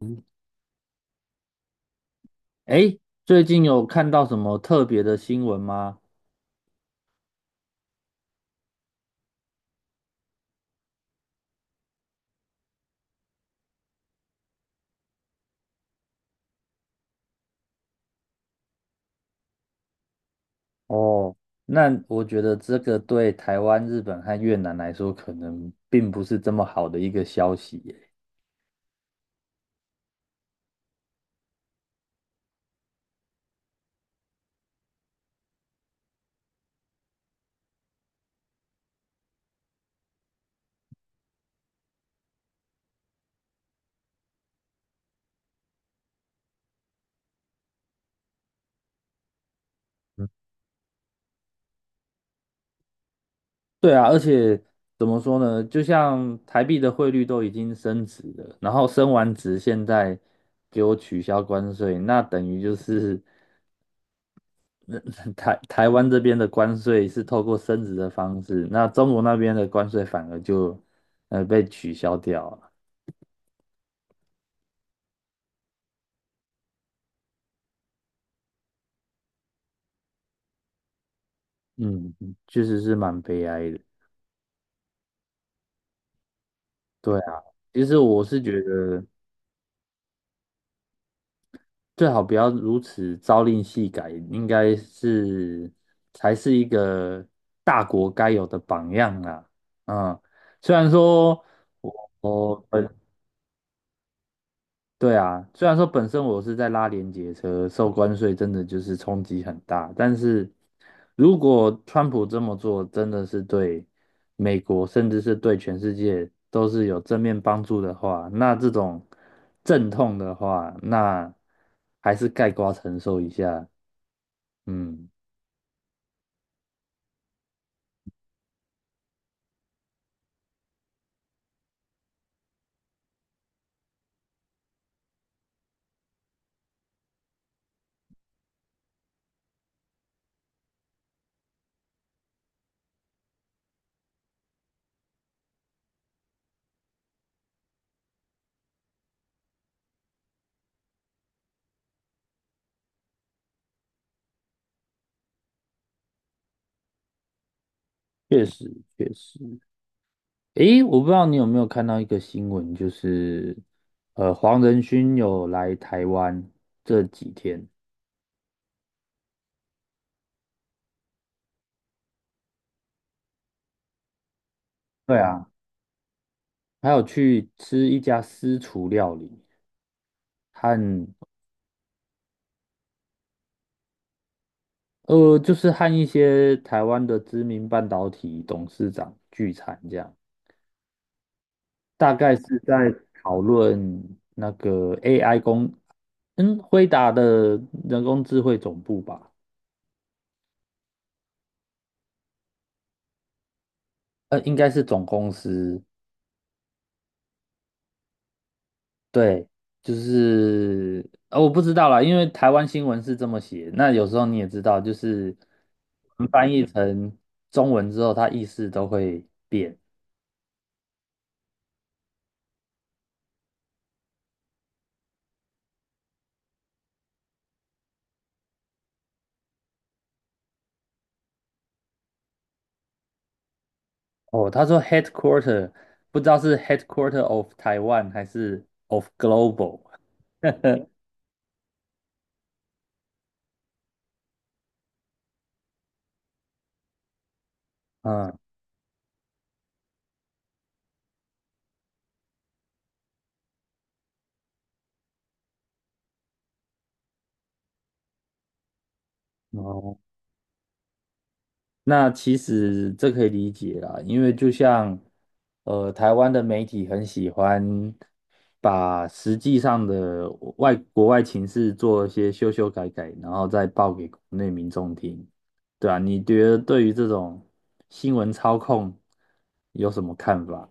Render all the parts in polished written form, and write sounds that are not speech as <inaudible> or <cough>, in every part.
嗯哎，最近有看到什么特别的新闻吗？哦，那我觉得这个对台湾、日本和越南来说，可能并不是这么好的一个消息耶。对啊，而且怎么说呢？就像台币的汇率都已经升值了，然后升完值，现在给我取消关税，那等于就是那 <laughs> 台台湾这边的关税是透过升值的方式，那中国那边的关税反而就被取消掉了。嗯，确实是蛮悲哀的。对啊，其实我是觉得最好不要如此朝令夕改，应该是才是一个大国该有的榜样啊。嗯，虽然说我我本对啊，虽然说本身我是在拉连结车，受关税真的就是冲击很大，但是如果川普这么做，真的是对美国，甚至是对全世界都是有正面帮助的话，那这种阵痛的话，那还是盖瓜承受一下。嗯，确实确实。诶，我不知道你有没有看到一个新闻，就是黄仁勋有来台湾这几天。对啊，还有去吃一家私厨料理，和就是和一些台湾的知名半导体董事长聚餐，这样大概是在讨论那个 AI 工，嗯，辉达的人工智慧总部吧，应该是总公司，对，我不知道啦，因为台湾新闻是这么写，那有时候你也知道，就是翻译成中文之后，它意思都会变。哦，他说 headquarter,不知道是 headquarter of Taiwan 还是 of global。<laughs> 嗯，哦，那其实这可以理解啦，因为就像台湾的媒体很喜欢把实际上的外国外情势做一些修修改改，然后再报给国内民众听，对啊，你觉得对于这种新闻操控有什么看法？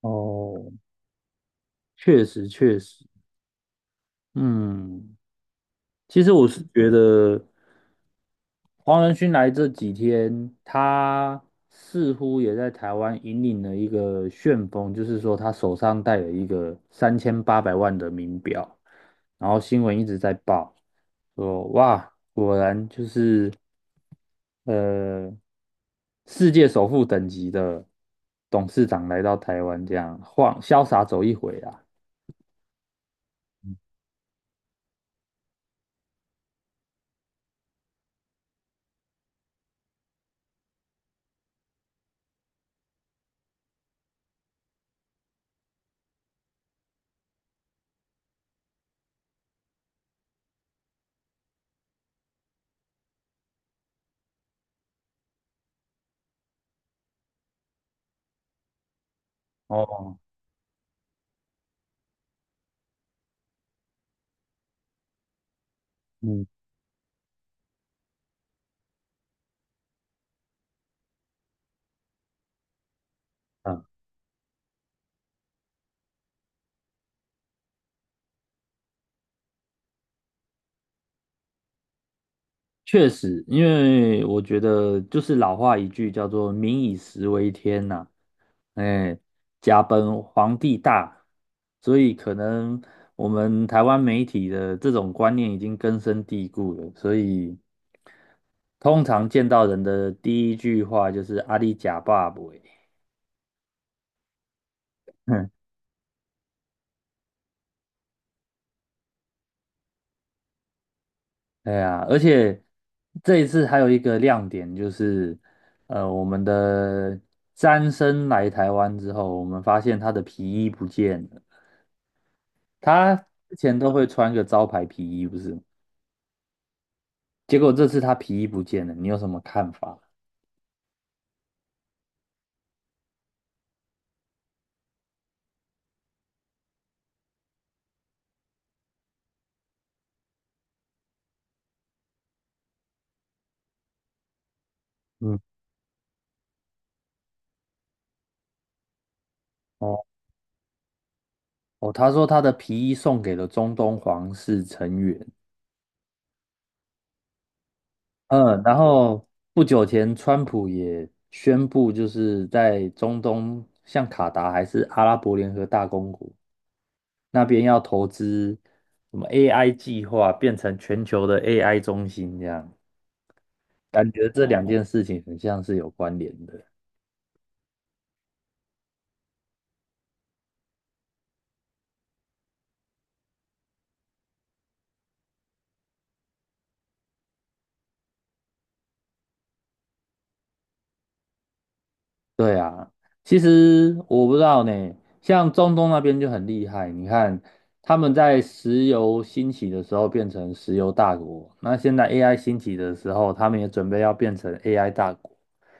哦，确实确实，嗯，其实我是觉得黄仁勋来这几天，他似乎也在台湾引领了一个旋风，就是说他手上戴了一个3800万的名表，然后新闻一直在报，说哇，果然就是呃世界首富等级的董事长来到台湾，这样晃潇洒走一回啊。哦，嗯。嗯确实，因为我觉得就是老话一句叫做"民以食为天"呐，哎，家本皇帝大，所以可能我们台湾媒体的这种观念已经根深蒂固了，所以通常见到人的第一句话就是"阿里假爸爸"，哼，<laughs> 对呀，而且这一次还有一个亮点就是，我们的詹森来台湾之后，我们发现他的皮衣不见了。他之前都会穿个招牌皮衣，不是吗？结果这次他皮衣不见了，你有什么看法？嗯，哦哦，他说他的皮衣送给了中东皇室成员。嗯，然后不久前，川普也宣布，就是在中东，像卡达还是阿拉伯联合大公国那边要投资什么 AI 计划，变成全球的 AI 中心，这样感觉这两件事情很像是有关联的。对啊，其实我不知道呢，像中东那边就很厉害。你看，他们在石油兴起的时候变成石油大国，那现在 AI 兴起的时候，他们也准备要变成 AI 大国。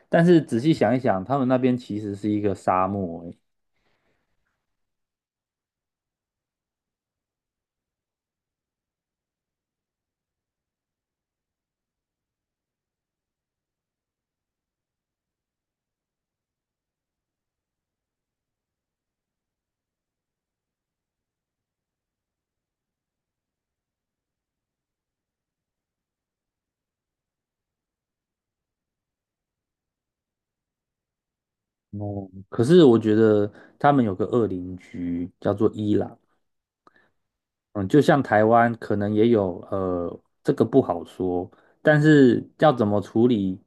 但是仔细想一想，他们那边其实是一个沙漠欸，哦，可是我觉得他们有个恶邻居叫做伊朗。嗯，就像台湾可能也有，这个不好说，但是要怎么处理，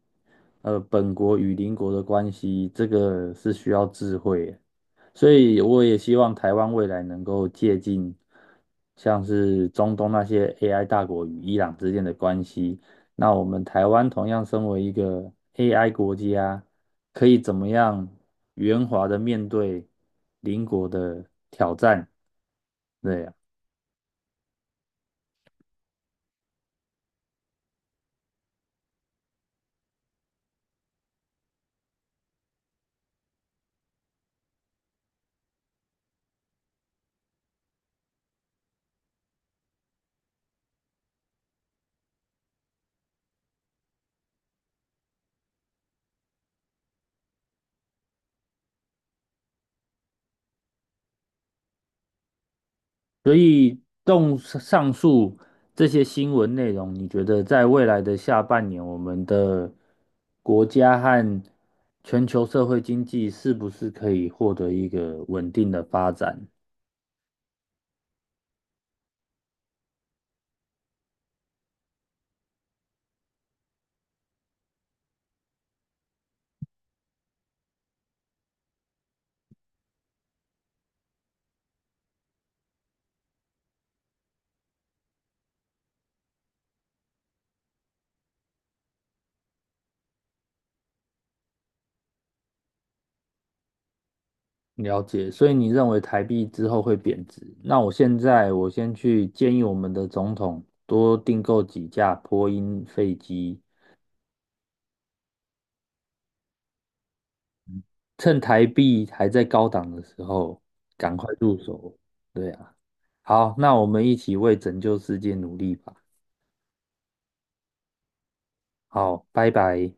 本国与邻国的关系，这个是需要智慧的。所以我也希望台湾未来能够借鉴，像是中东那些 AI 大国与伊朗之间的关系，那我们台湾同样身为一个 AI 国家，可以怎么样圆滑的面对邻国的挑战？对啊。所以动上述这些新闻内容，你觉得在未来的下半年，我们的国家和全球社会经济是不是可以获得一个稳定的发展？了解，所以你认为台币之后会贬值？那我现在我先去建议我们的总统多订购几架波音飞机，趁台币还在高档的时候，赶快入手。对啊，好，那我们一起为拯救世界努力吧。好，拜拜。